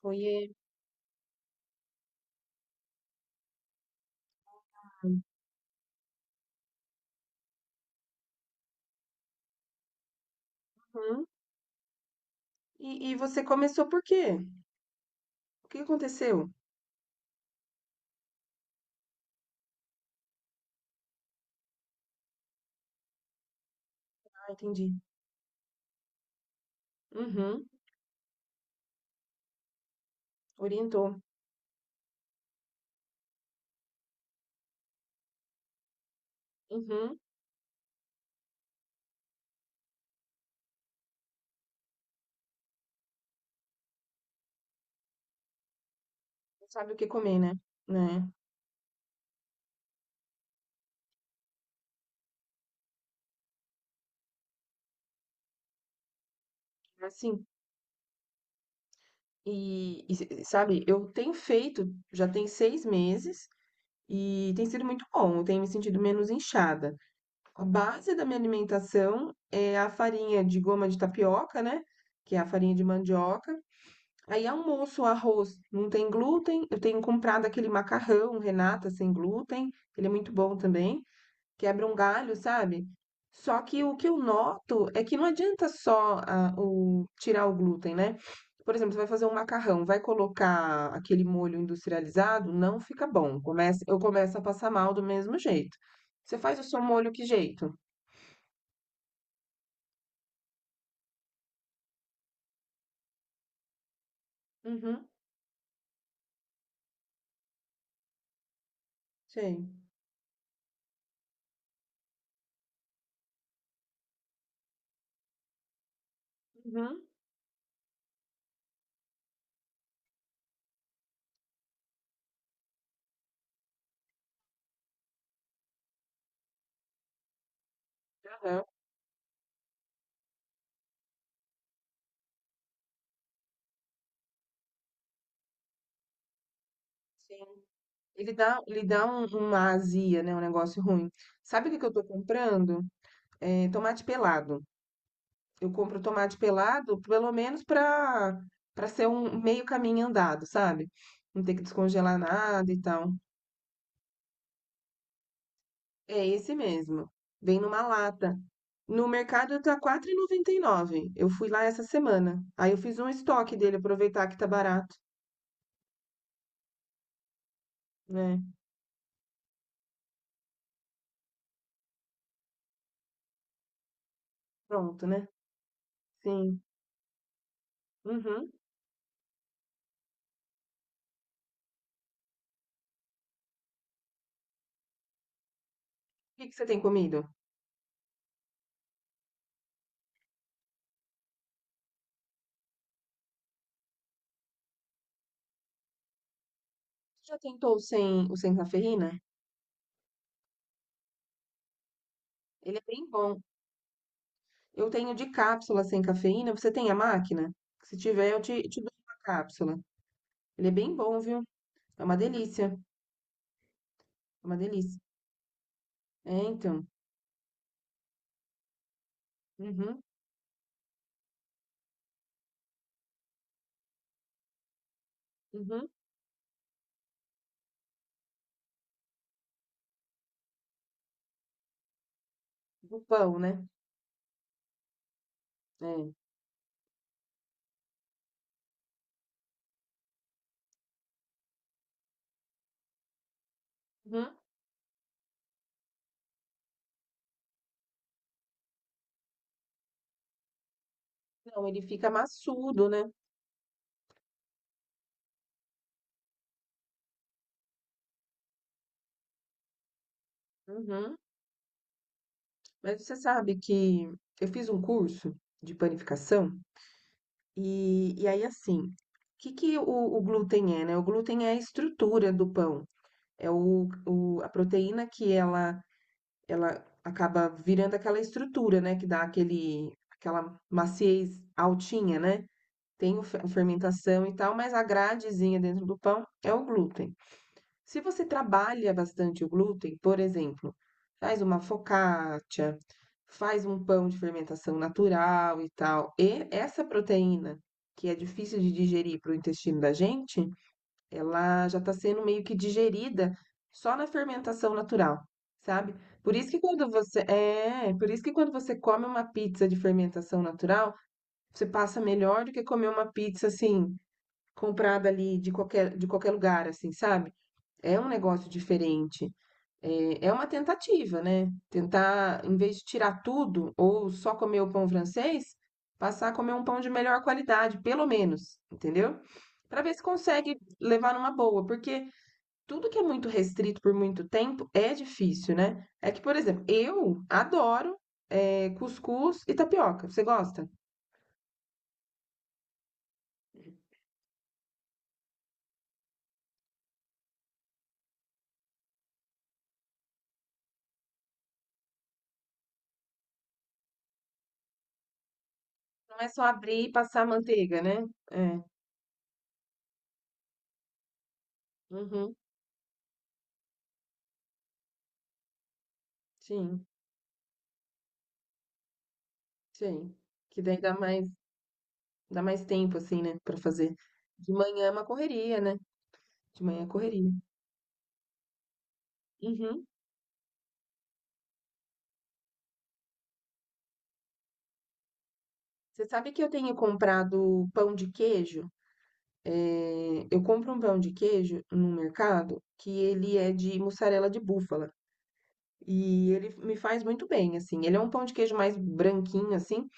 Foi. Uhum. E você começou por quê? O que aconteceu? Ah, entendi. Uhum. Orientou. Uhum. Não sabe o que comer, né? Né? Assim. E, sabe, eu tenho feito, já tem 6 meses, e tem sido muito bom. Eu tenho me sentido menos inchada. A base da minha alimentação é a farinha de goma de tapioca, né? Que é a farinha de mandioca. Aí almoço, arroz não tem glúten. Eu tenho comprado aquele macarrão Renata sem glúten, ele é muito bom também. Quebra um galho, sabe? Só que o que eu noto é que não adianta só tirar o glúten, né? Por exemplo, você vai fazer um macarrão, vai colocar aquele molho industrializado, não fica bom. Eu começo a passar mal do mesmo jeito. Você faz o seu molho que jeito? Uhum, sei. Uhum, aham, sim. Ele dá uma azia, né? Um negócio ruim. Sabe o que que eu tô comprando? É, tomate pelado. Eu compro tomate pelado, pelo menos pra ser um meio caminho andado, sabe? Não ter que descongelar nada e tal. É esse mesmo. Vem numa lata. No mercado tá 4,99. Eu fui lá essa semana. Aí eu fiz um estoque dele, aproveitar que tá barato, né? Pronto, né? Sim. Uhum. O que que você tem comido? Você já tentou o sem cafeína? Ele é bem bom. Eu tenho de cápsula sem cafeína. Você tem a máquina? Se tiver, eu te dou uma cápsula. Ele é bem bom, viu? É uma delícia. É uma delícia. É, então. Uhum, uhum. Do pão, né? É. Uhum. Não, ele fica maçudo, né? Uhum. Mas você sabe que eu fiz um curso de panificação e aí, assim, o que que o glúten é, né? O glúten é a estrutura do pão. É o, a proteína que ela acaba virando aquela estrutura, né, que dá aquele, aquela maciez altinha, né? Tem a fermentação e tal, mas a gradezinha dentro do pão é o glúten. Se você trabalha bastante o glúten, por exemplo, faz uma focaccia, faz um pão de fermentação natural e tal, e essa proteína que é difícil de digerir para o intestino da gente, ela já está sendo meio que digerida só na fermentação natural, sabe? Por isso que quando você come uma pizza de fermentação natural, você passa melhor do que comer uma pizza assim comprada ali de qualquer lugar, assim, sabe? É um negócio diferente. É, é uma tentativa, né? Tentar, em vez de tirar tudo ou só comer o pão francês, passar a comer um pão de melhor qualidade, pelo menos, entendeu? Para ver se consegue levar numa boa, porque tudo que é muito restrito por muito tempo é difícil, né? É que, por exemplo, eu adoro é, cuscuz e tapioca. Você gosta? Não é só abrir e passar manteiga, né? É. Uhum. Sim, sim. Que daí dá mais tempo, assim, né? Pra fazer. De manhã é uma correria, né? De manhã é correria. Uhum. Você sabe que eu tenho comprado pão de queijo? É, eu compro um pão de queijo no mercado que ele é de mussarela de búfala. E ele me faz muito bem, assim. Ele é um pão de queijo mais branquinho, assim,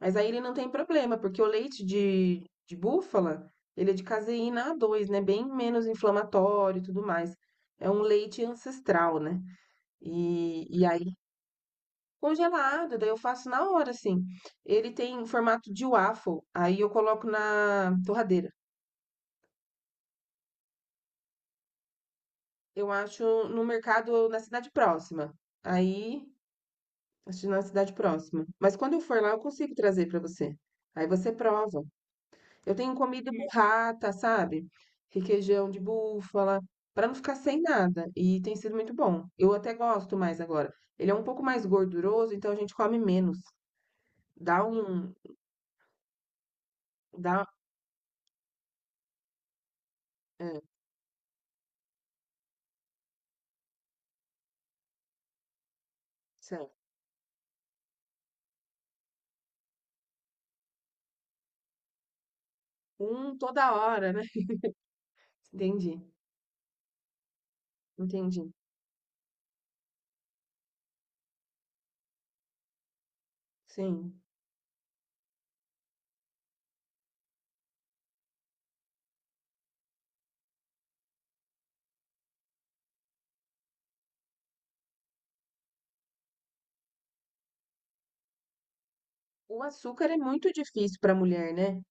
mas aí ele não tem problema, porque o leite de búfala, ele é de caseína A2, né? Bem menos inflamatório e tudo mais. É um leite ancestral, né? E aí, congelado, daí eu faço na hora, assim. Ele tem um formato de waffle, aí eu coloco na torradeira. Eu acho no mercado, na cidade próxima. Aí Assisti na cidade próxima. Mas quando eu for lá, eu consigo trazer pra você. Aí você prova. Eu tenho comida burrata, sabe? Requeijão de búfala, pra não ficar sem nada. E tem sido muito bom. Eu até gosto mais agora. Ele é um pouco mais gorduroso, então a gente come menos. Dá um, dá é, sei lá, um toda hora, né? Entendi, entendi. Sim. O açúcar é muito difícil pra mulher, né?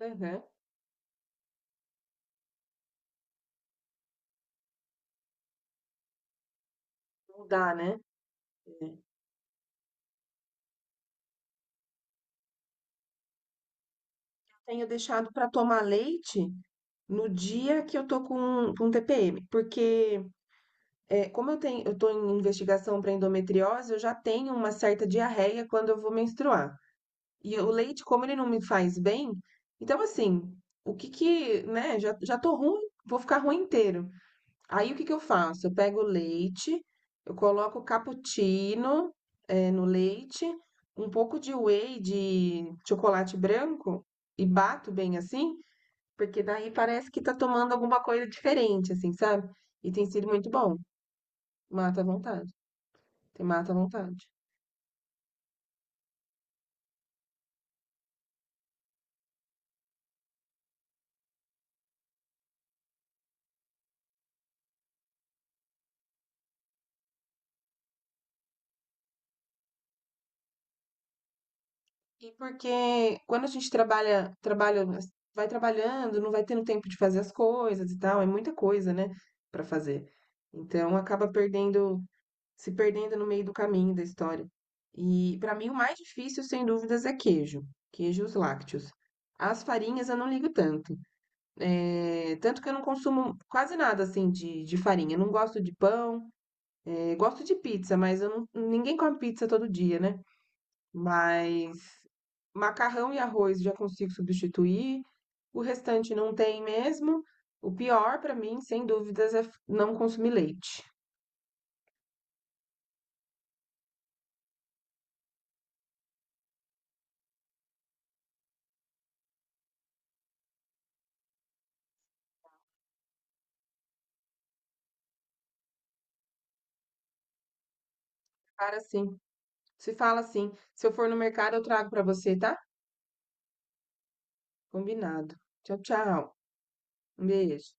Uhum. Não, né? É. Tenho deixado pra tomar leite no dia que eu tô com TPM, porque como eu tenho, eu tô em investigação para endometriose, eu já tenho uma certa diarreia quando eu vou menstruar. E o leite, como ele não me faz bem, então assim, o que que, né, já tô ruim, vou ficar ruim inteiro. Aí o que que eu faço? Eu pego o leite, eu coloco cappuccino, no leite, um pouco de whey de chocolate branco e bato bem assim. Porque daí parece que tá tomando alguma coisa diferente, assim, sabe? E tem sido muito bom. Mata a vontade. Tem mata a vontade. E porque quando a gente trabalha, trabalha, vai trabalhando, não vai tendo tempo de fazer as coisas e tal, é muita coisa, né, pra fazer. Então acaba perdendo, se perdendo no meio do caminho da história. E pra mim o mais difícil, sem dúvidas, é queijo, queijos lácteos. As farinhas eu não ligo tanto. Tanto que eu não consumo quase nada, assim, de farinha. Eu não gosto de pão, gosto de pizza, mas eu não ninguém come pizza todo dia, né. Mas macarrão e arroz já consigo substituir, o restante não tem mesmo. O pior pra mim, sem dúvidas, é f não consumir leite. Cara, sim. Se fala assim. Se eu for no mercado, eu trago pra você, tá? Combinado. Tchau, tchau. Um beijo.